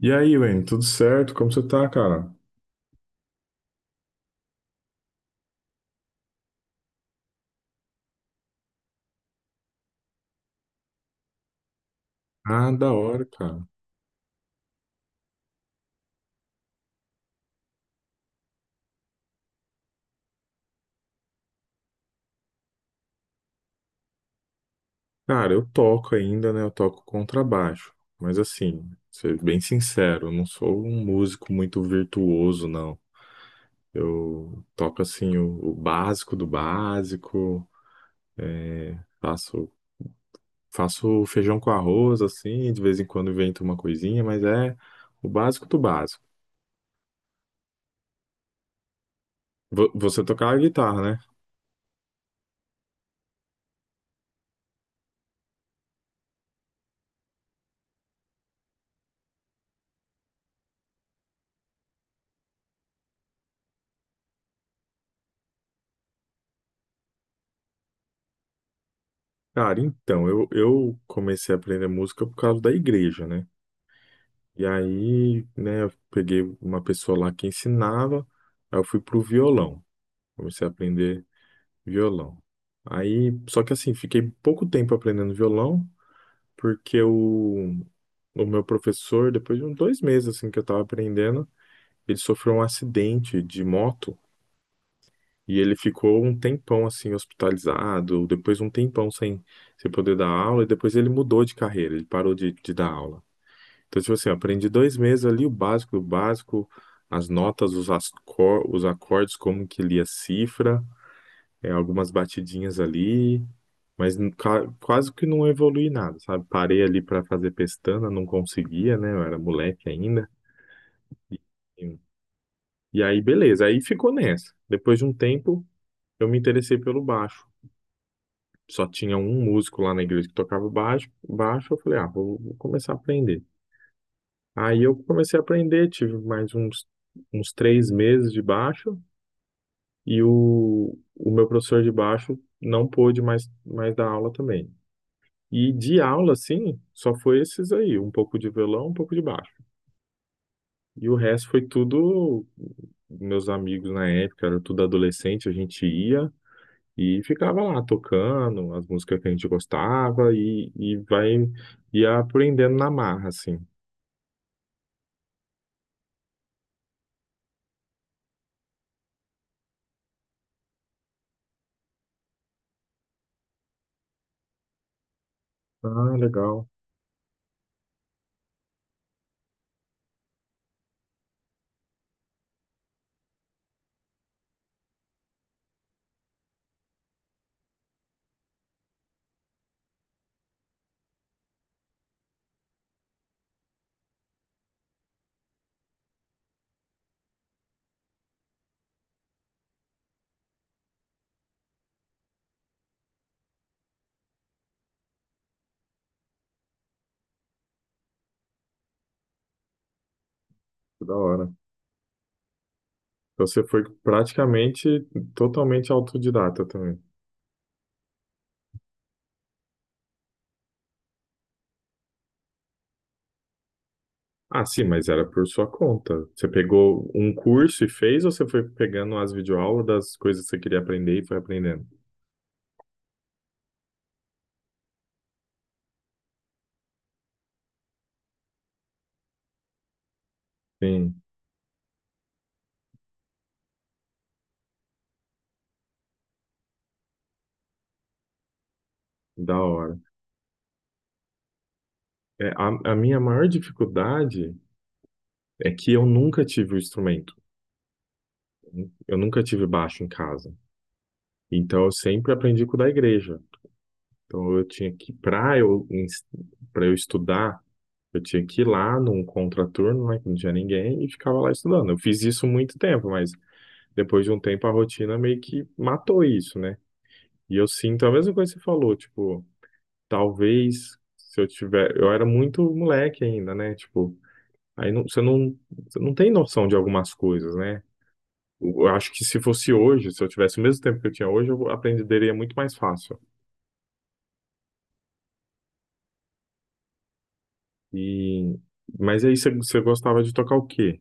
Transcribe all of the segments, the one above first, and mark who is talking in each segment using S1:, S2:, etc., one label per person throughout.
S1: E aí, Wayne, tudo certo? Como você tá, cara? Ah, da hora, cara. Cara, eu toco ainda, né? Eu toco contrabaixo. Mas assim, ser bem sincero, eu não sou um músico muito virtuoso, não. Eu toco assim o básico do básico, faço faço feijão com arroz assim, de vez em quando invento uma coisinha, mas é o básico do básico. Você tocava guitarra, né? Cara, então, eu comecei a aprender música por causa da igreja, né? E aí, né, eu peguei uma pessoa lá que ensinava, aí eu fui pro violão, comecei a aprender violão. Aí, só que assim, fiquei pouco tempo aprendendo violão, porque o meu professor, depois de uns dois meses assim que eu tava aprendendo, ele sofreu um acidente de moto e ele ficou um tempão assim hospitalizado, depois um tempão sem, sem poder dar aula, e depois ele mudou de carreira, ele parou de dar aula. Então, tipo assim, eu aprendi dois meses ali o básico, as notas, os, os acordes, como que lia cifra, algumas batidinhas ali, mas quase que não evolui nada, sabe? Parei ali para fazer pestana, não conseguia, né? Eu era moleque ainda. E e aí, beleza, aí ficou nessa. Depois de um tempo, eu me interessei pelo baixo. Só tinha um músico lá na igreja que tocava baixo, baixo, eu falei, ah, vou começar a aprender. Aí eu comecei a aprender, tive mais uns três meses de baixo e o meu professor de baixo não pôde mais dar aula também. E de aula, sim, só foi esses aí, um pouco de violão, um pouco de baixo. E o resto foi tudo, meus amigos na época, era tudo adolescente, a gente ia e ficava lá tocando as músicas que a gente gostava e vai, ia aprendendo na marra, assim. Ah, legal, que da hora. Então você foi praticamente totalmente autodidata também. Ah, sim, mas era por sua conta. Você pegou um curso e fez, ou você foi pegando as videoaulas das coisas que você queria aprender e foi aprendendo? Sim, da hora. É, a minha maior dificuldade é que eu nunca tive o instrumento. Eu nunca tive baixo em casa. Então eu sempre aprendi com o da igreja. Então eu tinha que, para eu estudar, eu tinha que ir lá num contraturno, né, que não tinha ninguém, e ficava lá estudando. Eu fiz isso muito tempo, mas depois de um tempo a rotina meio que matou isso, né? E eu sinto a mesma coisa que você falou, tipo, talvez se eu tiver, eu era muito moleque ainda, né? Tipo, aí não, você não tem noção de algumas coisas, né? Eu acho que se fosse hoje, se eu tivesse o mesmo tempo que eu tinha hoje, eu aprenderia muito mais fácil. E mas aí você, você gostava de tocar o quê?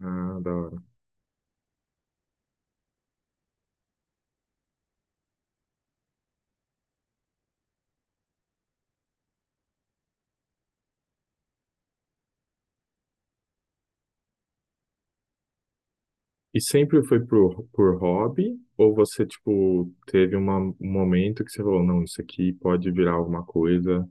S1: Ah, da. E sempre foi por hobby? Ou você, tipo, teve um momento que você falou, não, isso aqui pode virar alguma coisa?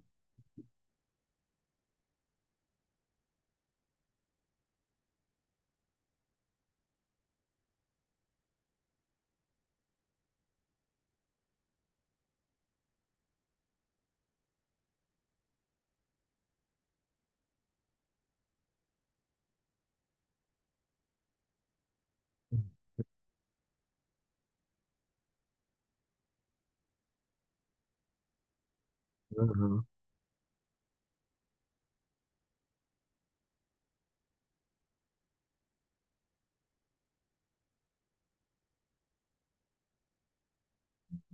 S1: Aham,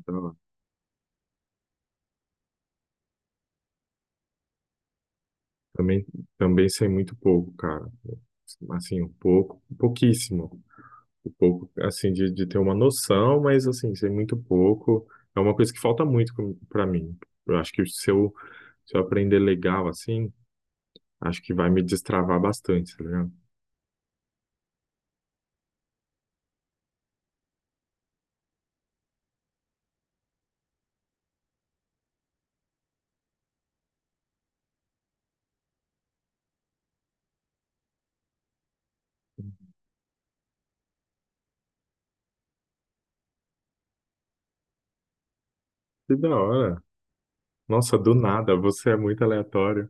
S1: tá. Lá. Também, também sei muito pouco, cara. Assim, um pouco, pouquíssimo. Um pouco, assim, de ter uma noção, mas, assim, sei muito pouco. É uma coisa que falta muito pra mim. Eu acho que se eu, se eu aprender legal, assim, acho que vai me destravar bastante, tá ligado? Que da hora. Nossa, do nada, você é muito aleatório.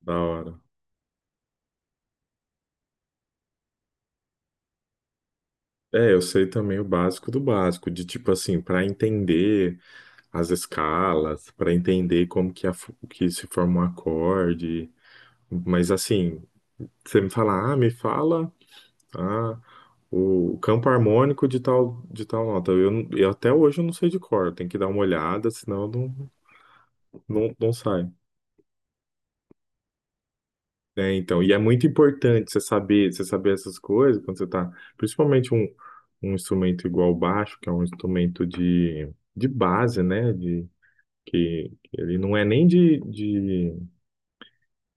S1: Da hora. É, eu sei também o básico do básico, de tipo assim, para entender as escalas, para entender como que, a, que se forma um acorde, mas assim, você me fala, ah, me fala, ah. O campo harmônico de tal nota. Eu, eu até hoje eu não sei de cor. Tem que dar uma olhada, senão eu não, não, não sai. É, então, e é muito importante você saber essas coisas quando você tá, principalmente um, um instrumento igual o baixo, que é um instrumento de base, né? De, que ele não é nem de,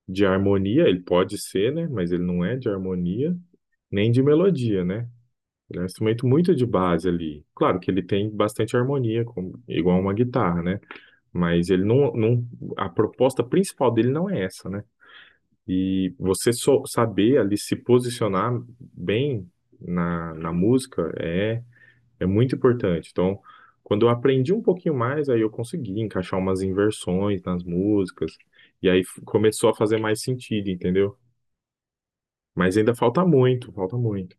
S1: de harmonia, ele pode ser, né? Mas ele não é de harmonia, nem de melodia, né? Ele é um instrumento muito de base ali. Claro que ele tem bastante harmonia, igual uma guitarra, né? Mas ele não, não, a proposta principal dele não é essa, né? E você só saber ali se posicionar bem na, na música é, é muito importante. Então, quando eu aprendi um pouquinho mais, aí eu consegui encaixar umas inversões nas músicas, e aí começou a fazer mais sentido, entendeu? Mas ainda falta muito, falta muito.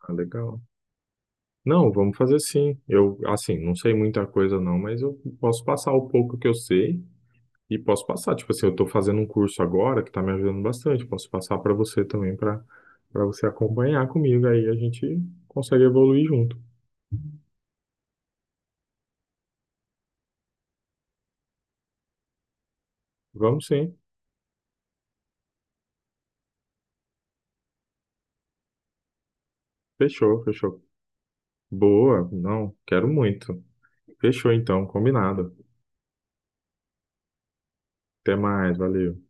S1: Ah, legal. Não, vamos fazer sim. Eu, assim, não sei muita coisa não, mas eu posso passar o pouco que eu sei e posso passar. Tipo assim, eu estou fazendo um curso agora que está me ajudando bastante. Posso passar para você também, para você acompanhar comigo. Aí a gente consegue evoluir junto. Vamos sim. Fechou, fechou. Boa. Não, quero muito. Fechou então, combinado. Até mais, valeu.